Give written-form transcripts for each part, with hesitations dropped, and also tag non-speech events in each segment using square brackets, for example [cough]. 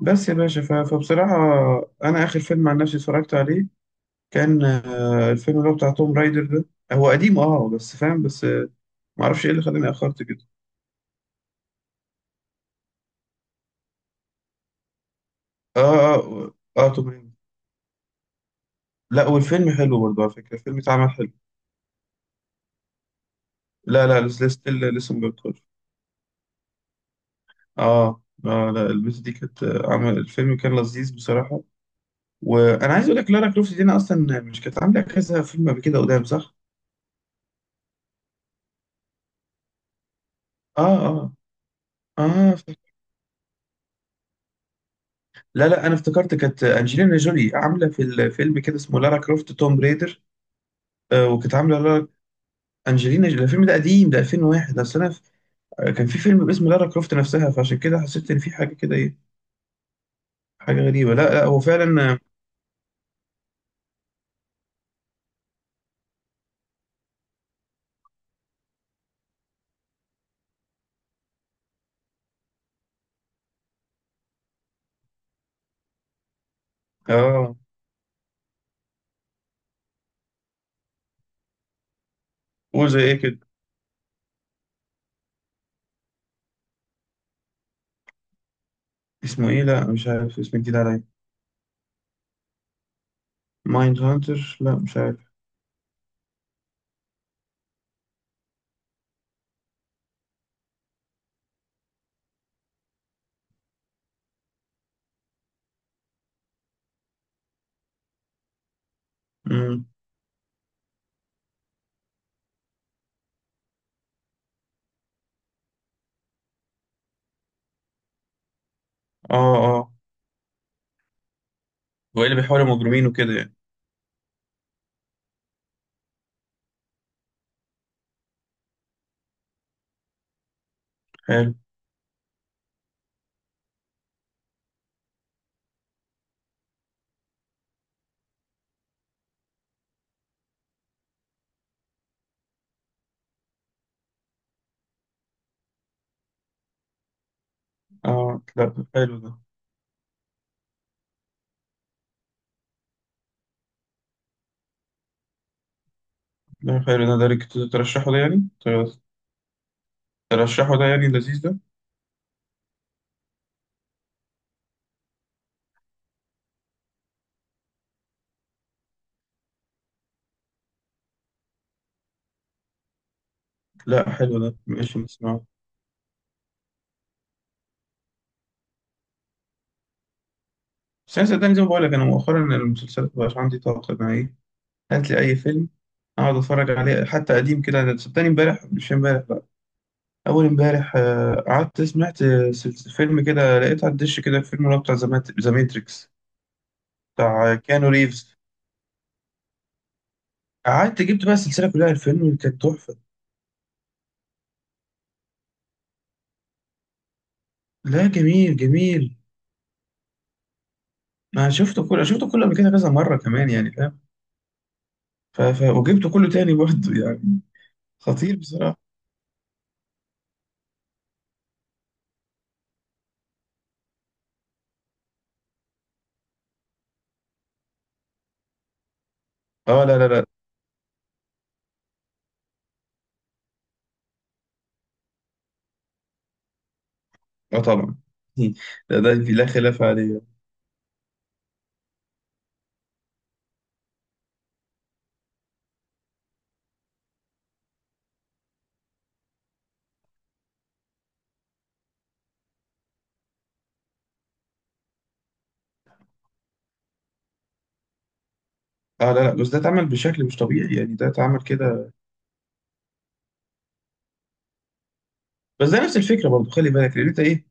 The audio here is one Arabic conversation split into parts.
بس يا باشا فبصراحة أنا آخر فيلم عن نفسي اتفرجت عليه كان، الفيلم اللي هو بتاع توم رايدر ده. هو قديم، بس فاهم، بس آه، معرفش إيه اللي خلاني أخرت كده. أه أه أه آه، توم رايدر. لا والفيلم حلو برضه، على فكرة الفيلم اتعمل حلو. لا لا، لسه ستيل لسه مبطل. أه أه لا، البت دي كانت، عمل الفيلم كان لذيذ بصراحة. وأنا عايز أقول لك لارا كروفت دي أنا أصلا مش كانت عاملة كذا فيلم قبل كده قدام، صح؟ أه أه أه لا لا، انا افتكرت كانت انجلينا جولي عامله في الفيلم كده اسمه لارا كروفت توم بريدر. وكانت عامله لارا. انجلينا جولي الفيلم ده قديم، ده 2001، بس انا كان في فيلم باسم لارا كروفت نفسها، فعشان كده حسيت ان في حاجه كده ايه، حاجه غريبه. لا لا، هو فعلا. اه، هو زي ايه كده؟ اسمه ايه؟ لا مش عارف، اسم جديد عليا. مايند هانتر؟ لا مش عارف. امم اه اه، هو إيه؟ اللي بيحاول مجرمين وكده يعني. حلو. اه لا، حلو ده. لا حلو ده اللي كنت ترشحه ده يعني. ترشحه ده يعني، لذيذ ده. لا حلو ده، ماشي نسمعه. بس انا صدقني زي ما بقول لك، انا مؤخرا المسلسلات مبقاش عندي طاقه، انا ايه، هات لي اي فيلم اقعد اتفرج عليه حتى قديم كده. انا صدقني امبارح، مش امبارح لا، اول امبارح، قعدت سمعت، فيلم كده لقيت على الدش كده، الفيلم اللي هو بتاع ذا ماتريكس بتاع، كيانو ريفز. قعدت جبت بقى السلسله كلها، الفيلم كانت تحفه. لا جميل جميل. انا شفته كله، شفته كله قبل كده كذا مره كمان يعني فاهم. وجبته كله تاني برضه يعني. خطير بصراحه. اه لا لا لا. اه طبعا. [laughs] لا خلاف عليه. اه لا لا، بس ده اتعمل بشكل مش طبيعي يعني، ده اتعمل كده. بس ده نفس الفكره برضه، خلي بالك، لان انت ايه،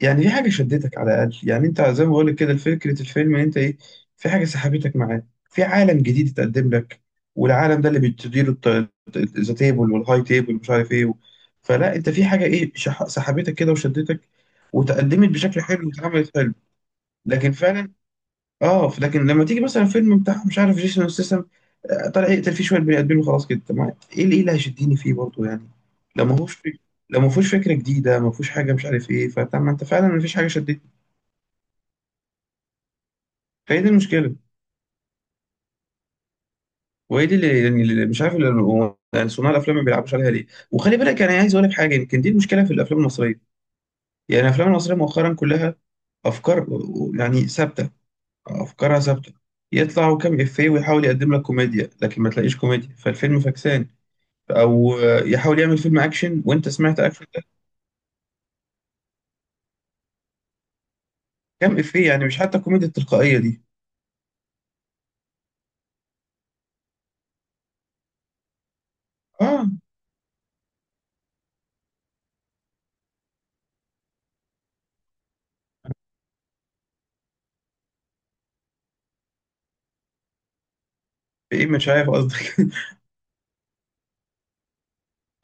يعني دي حاجه شدتك على الاقل. يعني انت زي ما بقول لك كده، فكره الفيلم ان انت ايه، في حاجه سحبتك معاه في عالم جديد اتقدم لك، والعالم ده اللي بتديله ذا تيبل والهاي تيبل ومش عارف ايه فلا انت في حاجه ايه، سحبتك كده وشدتك، وتقدمت بشكل حلو واتعملت حلو. لكن فعلا، اه، لكن لما تيجي مثلا فيلم بتاع مش عارف جيسون ستاثام، طالع يقتل فيه شويه بني ادمين وخلاص كده، ما ايه اللي هيشدني فيه برضه يعني. لو ما هوش فيه، لو ما فيهوش فكره جديده، ما فيهوش حاجه مش عارف ايه، فطب ما انت فعلا ما فيش حاجه شدتني. فهي دي المشكله، وهي دي اللي يعني، اللي مش عارف، اللي يعني صناع الافلام ما بيلعبوش عليها ليه. وخلي بالك انا عايز اقول لك حاجه، يمكن دي المشكله في الافلام المصريه. يعني الافلام المصريه مؤخرا كلها افكار يعني ثابته، افكارها ثابته. يطلع كام افيه ويحاول يقدم لك كوميديا، لكن ما تلاقيش كوميديا فالفيلم فكسان. او يحاول يعمل فيلم اكشن وانت سمعت اكشن ده، كام افيه يعني، مش حتى الكوميديا التلقائيه دي. اه، في ايه مش عارف قصدك. [laughs]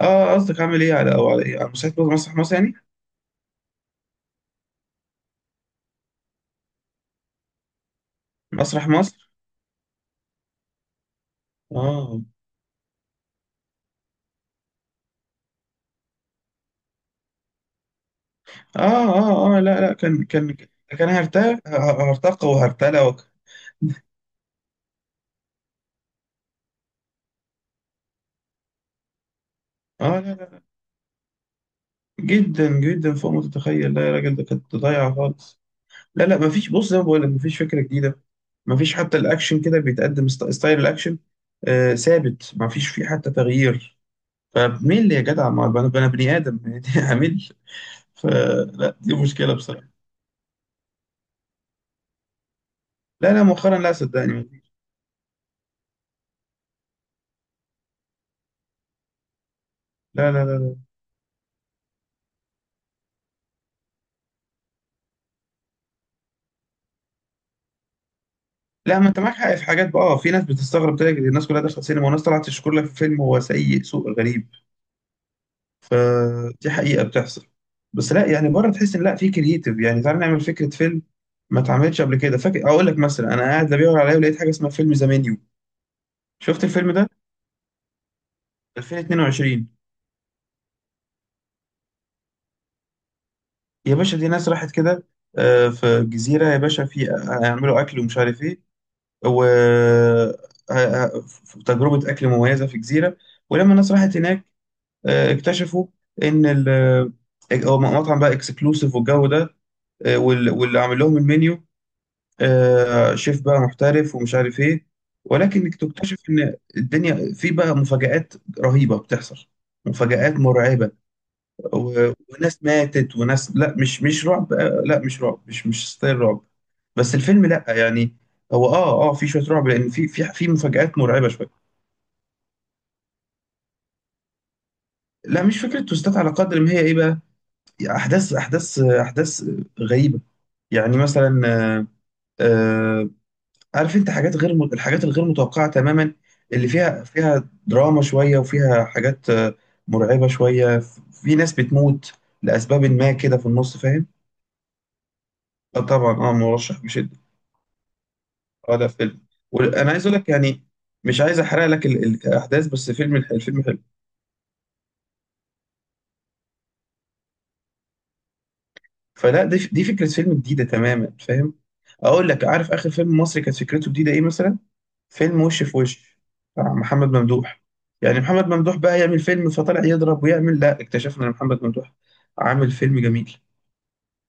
اه قصدك عامل ايه على، او على ايه، على مسرح، مسرح مصر يعني. مسرح مصر، اه اه. لا لا، كان كان هرتقى، هرتقى وهرتلى اه لا لا، جدا جدا فوق ما تتخيل، لا يا راجل ده كانت ضايعه خالص. لا لا، مفيش. بص، زي ما بقول لك، مفيش فكره جديده، مفيش حتى الاكشن كده بيتقدم، ستايل الاكشن ثابت، مفيش فيه حتى تغيير. فبميل يا جدع، ما أنا بني ادم يعني [laughs] اميل. فلا دي مشكله بصراحه. لا لا مؤخرا، لا صدقني. لا لا لا لا. لا، ما انت معاك حق في حاجات بقى. اه، في ناس بتستغرب تلاقي الناس كلها داخله سينما، والناس طلعت تشكر لك في فيلم هو سيء سوء غريب. فدي حقيقه بتحصل. بس لا يعني، بره تحس ان لا في كرييتيف، يعني تعالى نعمل فكره فيلم ما اتعملتش قبل كده. فاكر اقول لك مثلا، انا قاعد لا بيدور عليا، ولقيت حاجه اسمها فيلم ذا منيو. شفت الفيلم ده؟ 2022. يا باشا، دي ناس راحت كده، في جزيرة، يا باشا في، هيعملوا أكل ومش عارف إيه، و تجربة أكل مميزة في جزيرة. ولما الناس راحت هناك، اكتشفوا إن هو مطعم بقى اكسكلوسيف، والجو ده، واللي عامل لهم المنيو، شيف بقى محترف ومش عارف إيه. ولكن تكتشف إن الدنيا في بقى مفاجآت رهيبة بتحصل، مفاجآت مرعبة وناس ماتت وناس، لا مش رعب، لا مش رعب، مش ستايل رعب. بس الفيلم لا يعني، هو في شويه رعب، لان في مفاجآت مرعبه شويه. لا مش فكره توستات على قدر ما هي ايه بقى، احداث احداث احداث غريبه. يعني مثلا، آه عارف انت حاجات، غير م- الحاجات الغير متوقعه تماما اللي فيها دراما شويه، وفيها حاجات، مرعبه شويه، في ناس بتموت لاسباب ما كده في النص فاهم. طبعا، اه مرشح بشده. اه لا فيلم، وانا عايز اقول لك يعني، مش عايز احرق لك الاحداث، بس الفيلم حلو. فلا دي فكره فيلم جديده تماما فاهم. اقول لك عارف اخر فيلم مصري كانت فكرته جديده ايه مثلا؟ فيلم وش في وش بتاع محمد ممدوح. يعني محمد ممدوح بقى يعمل فيلم فطلع يضرب ويعمل، لا اكتشفنا ان محمد ممدوح عامل فيلم جميل.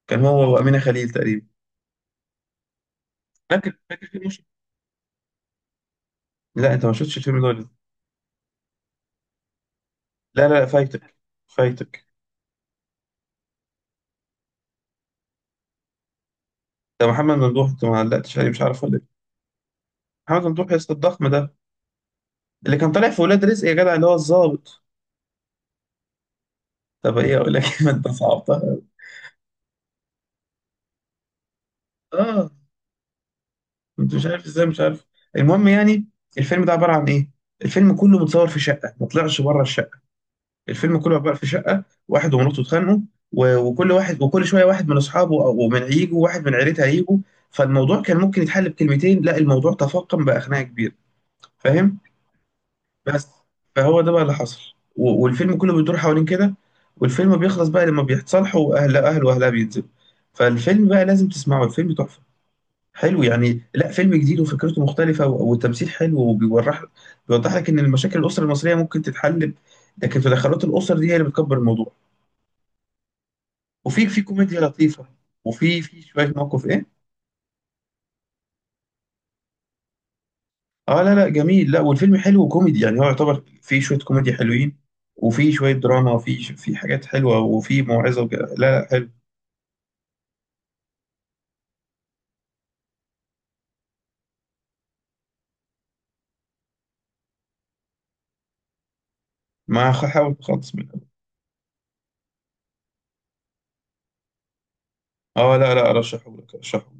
كان هو وامينه خليل تقريبا. فاكر فيلم وش؟ لا انت ما شفتش الفيلم ده ولا إيه؟ لا لا لا، فايتك فايتك. ده محمد ممدوح انت ما علقتش عليه، مش عارف ولا إيه؟ محمد ممدوح يا اسطى الضخم ده، اللي كان طالع في ولاد رزق يا جدع، اللي هو الظابط. طب ايه اقول لك [laughs] ما انت صعبتها. اه، انت مش عارف ازاي، مش عارف. المهم يعني، الفيلم ده عباره عن ايه، الفيلم كله متصور في شقه، ما طلعش بره الشقه. الفيلم كله عباره في شقه، واحد ومراته اتخانقوا، وكل واحد، وكل شويه واحد من اصحابه او من عيجه، وواحد من عيلتها هيجوا، فالموضوع كان ممكن يتحل بكلمتين، لا الموضوع تفاقم بقى خناقه كبيره فاهم. بس، فهو ده بقى اللي حصل، والفيلم كله بيدور حوالين كده. والفيلم بيخلص بقى لما بيتصالحوا، واهل واهلها بينزلوا. فالفيلم بقى لازم تسمعه، الفيلم تحفه، حلو يعني. لا فيلم جديد، وفكرته مختلفه، والتمثيل حلو، بيوضح لك ان المشاكل الاسره المصريه ممكن تتحل، لكن تدخلات الاسر دي هي اللي بتكبر الموضوع. وفي كوميديا لطيفه، وفي شويه موقف. اه لا لا جميل، لا والفيلم حلو وكوميدي، يعني هو يعتبر فيه شوية كوميدي حلوين، وفيه شوية دراما، وفيه فيه حاجات حلوة، وفيه موعظة وكده، لا لا حلو. ما حاول خالص من الأول. اه لا لا، أرشحه لك أرشحه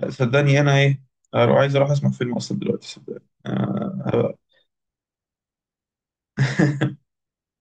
لك صدقني. أنا إيه، عايز أروح أسمع فيلم أصلا دلوقتي، صدقني آه هبقى. [laughs]